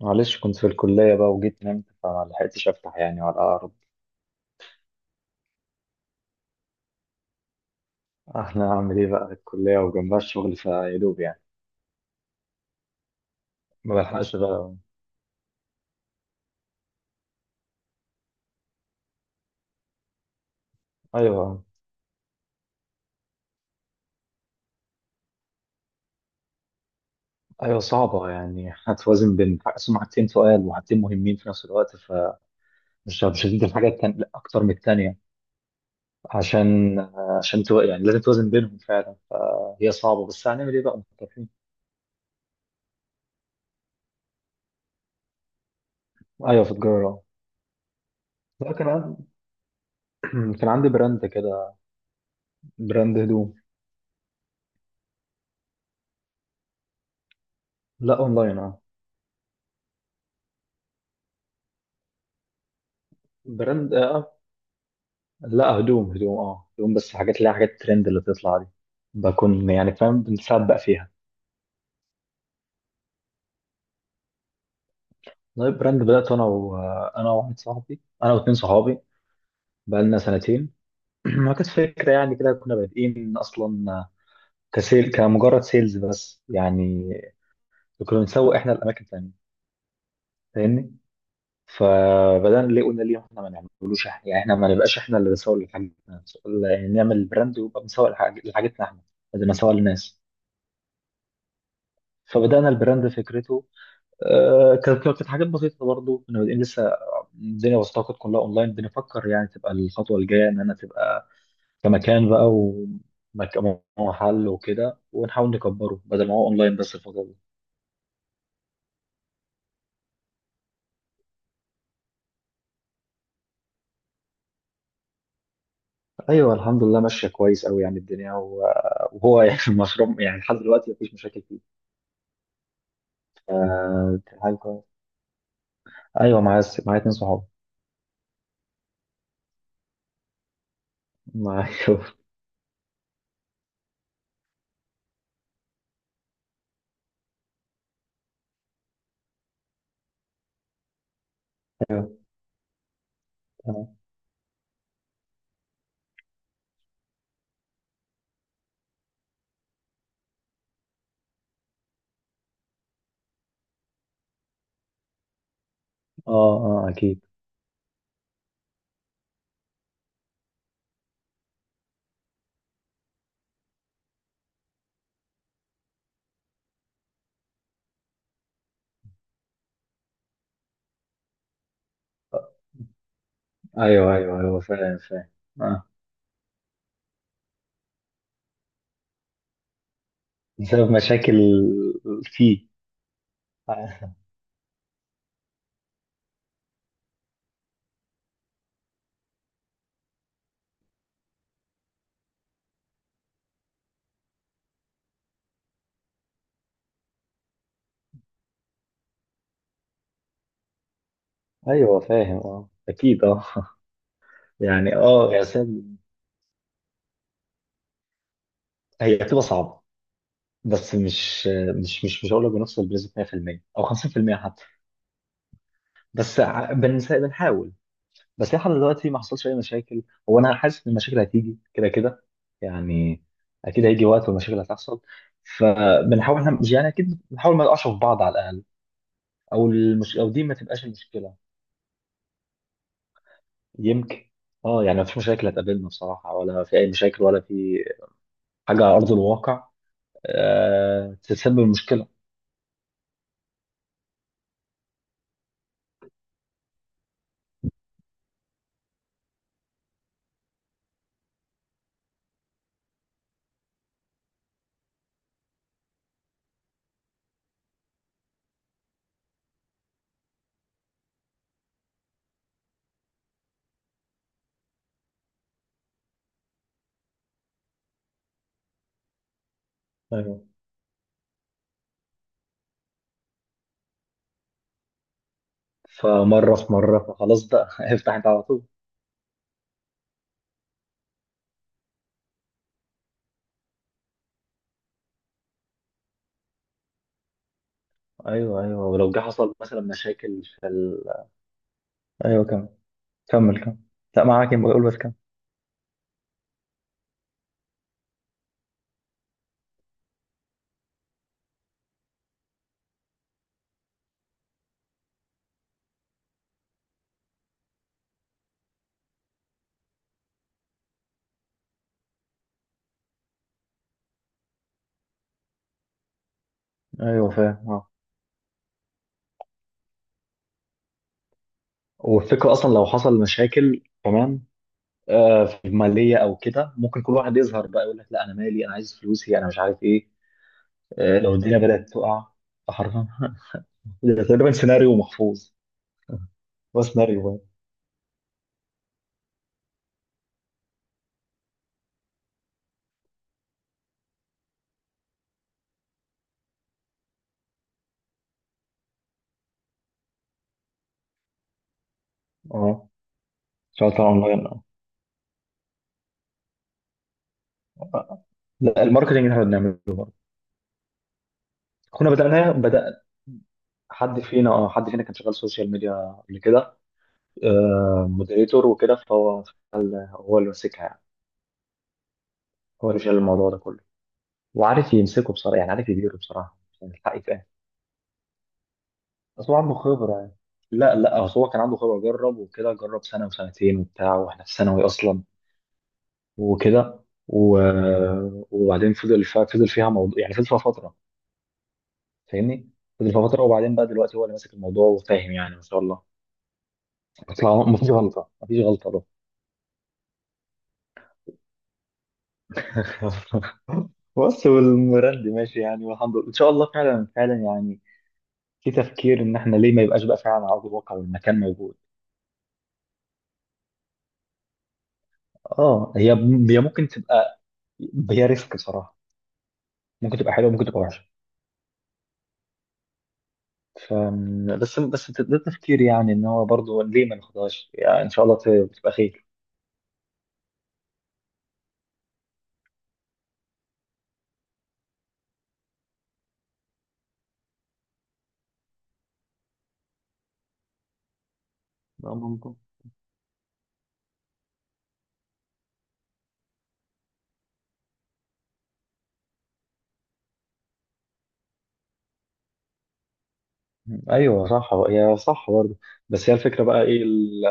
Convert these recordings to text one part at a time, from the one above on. معلش كنت في الكلية بقى وجيت نمت فما لحقتش أفتح يعني ولا أقرب. أنا أعمل إيه بقى، الكلية وجنبها الشغل فيا دوب يعني، ما بلحقش بقى. أيوه. أيوه صعبة يعني، هتوازن بين سمعتين سؤال وحاجتين مهمين في نفس الوقت فمش مش هتدي الحاجة التانية لأ، أكتر من التانية. عشان عشان يعني لازم توازن بينهم فعلا. هي صعبة بس هنعمل إيه بقى، مضطرين. أيوه في تجارة. لا كان عندي، كان عندي براند كده، براند هدوم. لا أونلاين أه. براند، آه، لا هدوم، هدوم، اه هدوم بس حاجات اللي هي حاجات الترند اللي بتطلع دي، بكون يعني فاهم بنسبق فيها. لايف براند، بدأت انا وواحد صاحبي، انا واتنين صحابي، بقالنا سنتين. ما كانت فكرة يعني كده، كنا بادئين اصلا كسيل كمجرد سيلز بس يعني، كنا بنسوق احنا الاماكن تانية، فاهمني؟ فبدأنا ليه، قلنا ليه احنا ما نعملوش، احنا يعني احنا ما نبقاش احنا اللي بنسوق لحاجتنا، يعني نعمل البراند ويبقى بنسوق لحاجتنا احنا، بدل ما نسوق للناس. فبدأنا البراند فكرته، آه، كانت حاجات بسيطة، برضو كنا بادئين لسه، الدنيا بسيطة، كانت كلها أونلاين. بنفكر يعني تبقى الخطوة الجاية إن أنا تبقى كمكان بقى، ومكان ومحل وكده، ونحاول نكبره بدل ما هو أونلاين بس الفترة دي. أيوه الحمد لله ماشية كويس أوي يعني الدنيا، و- وهو يعني المشروع يعني لحد دلوقتي مفيش مشاكل فيه. آه، كانت حاجة كويسة. أيوه، معايا اتنين صحاب. معايا أيوه. أه. أه أكيد. أيوه أيوه أيوه، فاهم فاهم. آه. بسبب مشاكل فيه. ايوه فاهم اه، اكيد اه. يعني اه، يعني هي بتبقى صعبه، بس مش هقول لك بنوصل بنسبه 100% او 50% حتى، بس بنحاول، بس لحد دلوقتي ما حصلش اي مشاكل. هو انا حاسس ان المشاكل هتيجي كده كده يعني، اكيد هيجي وقت والمشاكل هتحصل، فبنحاول احنا مش- يعني اكيد بنحاول ما نقعش في بعض على الاقل، او دي ما تبقاش المشكله. يمكن. اه يعني ما فيش مشاكل هتقابلنا بصراحه، ولا في اي مشاكل ولا في حاجه على ارض الواقع آه، تسبب مشكله. ايوه. فمره في مره فخلاص بقى، افتح انت على طول. ايوه ايوه، ولو جه حصل مثلا مشاكل في ايوه كمل. كمل. لا معاك، يبقى قول، بس كمل. ايوه فاهم اه. والفكره اصلا لو حصل مشاكل كمان آه، في الماليه او كده، ممكن كل واحد يظهر بقى يقول لك لا انا مالي، انا عايز فلوسي، انا مش عارف ايه. آه، لو الدنيا بدات تقع حرفيا ده تقريبا سيناريو محفوظ، هو سيناريو بقى. اه شغال طبعا. لا الماركتنج اللي احنا بنعمله. كنا بدأنا بدأ حد فينا، اه حد فينا كان شغال سوشيال ميديا قبل كده، آه مودريتور وكده، فهو هو اللي ماسكها يعني، هو اللي شايل الموضوع ده كله وعارف يمسكه بصراحة، يعني عارف يديره بصراحة عشان الحق يتقال. بس هو عنده خبرة يعني. لا أصل هو كان عنده خبرة، جرب وكده، جرب سنة وسنتين وبتاع، واحنا في ثانوي أصلا وكده، و... وبعدين فضل فيها موضوع يعني، فضل فيها فترة، فاهمني؟ فضل فيها فترة، وبعدين بقى دلوقتي هو اللي ماسك الموضوع وفاهم يعني، ما شاء الله، ما فيش غلطة. بص والمراندي ماشي يعني، والحمد لله، ان شاء الله، فعلا يعني، في تفكير ان احنا ليه ما يبقاش بقى فعلا على ارض الواقع والمكان موجود. اه هي، هي ممكن تبقى، هي ريسك بصراحه، ممكن تبقى حلوه ممكن تبقى وحشه. ف بس، بس ده تفكير يعني ان هو برضه ليه ما ناخدهاش يعني، ان شاء الله تبقى خير. لا ممكن. ايوه صح، هي صح برضه. بس هي الفكره بقى ايه،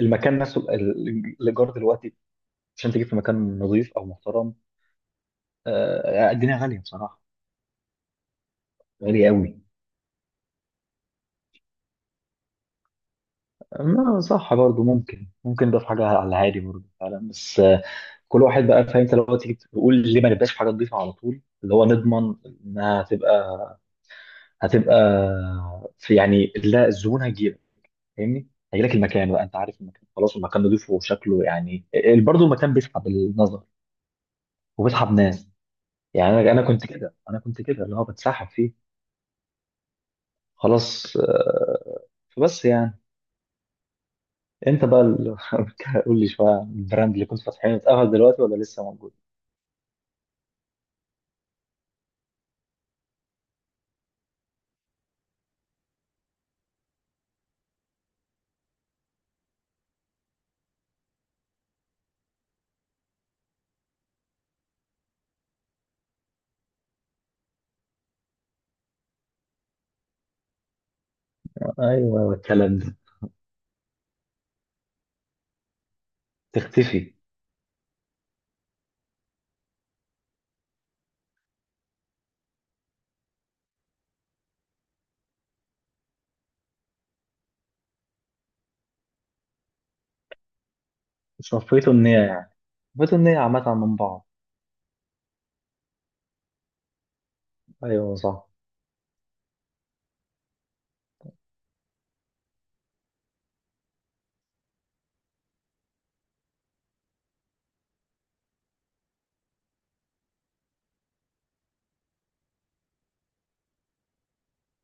المكان نفسه، الايجار دلوقتي عشان تجيب في مكان نظيف او محترم، آه، الدنيا غاليه بصراحه، غالي قوي. ما صح برضو، ممكن، ممكن ده في حاجه على الهادي برضو فعلا، بس آه، كل واحد بقى فاهم، انت لو تيجي تقول ليه ما نبقاش في حاجه نضيفه على طول، اللي هو نضمن انها هتبقى في، يعني لا الزبون هيجيلك، فاهمني؟ هيجيلك المكان بقى، انت عارف المكان خلاص، المكان نضيفه وشكله يعني برضو المكان بيسحب النظر وبيسحب ناس يعني. انا كنت كده اللي هو بتسحب فيه خلاص آه، فبس يعني انت بقى قول لي شويه عن البراند اللي كنت فاتحينه، اتقفل دلوقتي ولا لسه موجود؟ ايوه ايوه الكلام ده. تختفي. صفيتوا النية يعني، صفيتوا النية عامة من بعض. ايوه صح.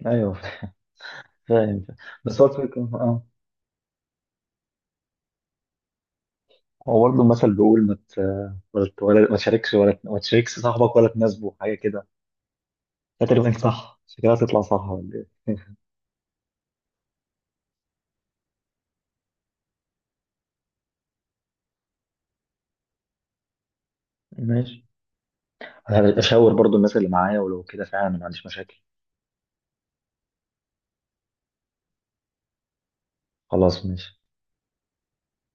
ايوه فاهم. بس هو الفكرة اه، هو برضه المثل بيقول ما ت- ولا ت- ولا- ما تشاركش، ولا ما تشاركش صاحبك ولا تناسبه حاجة كده. ده تقريبا صح، شكلها تطلع صح ولا ايه؟ ماشي. انا هشاور برضه الناس اللي معايا، ولو كده فعلا ما عنديش مشاكل. خلاص ماشي.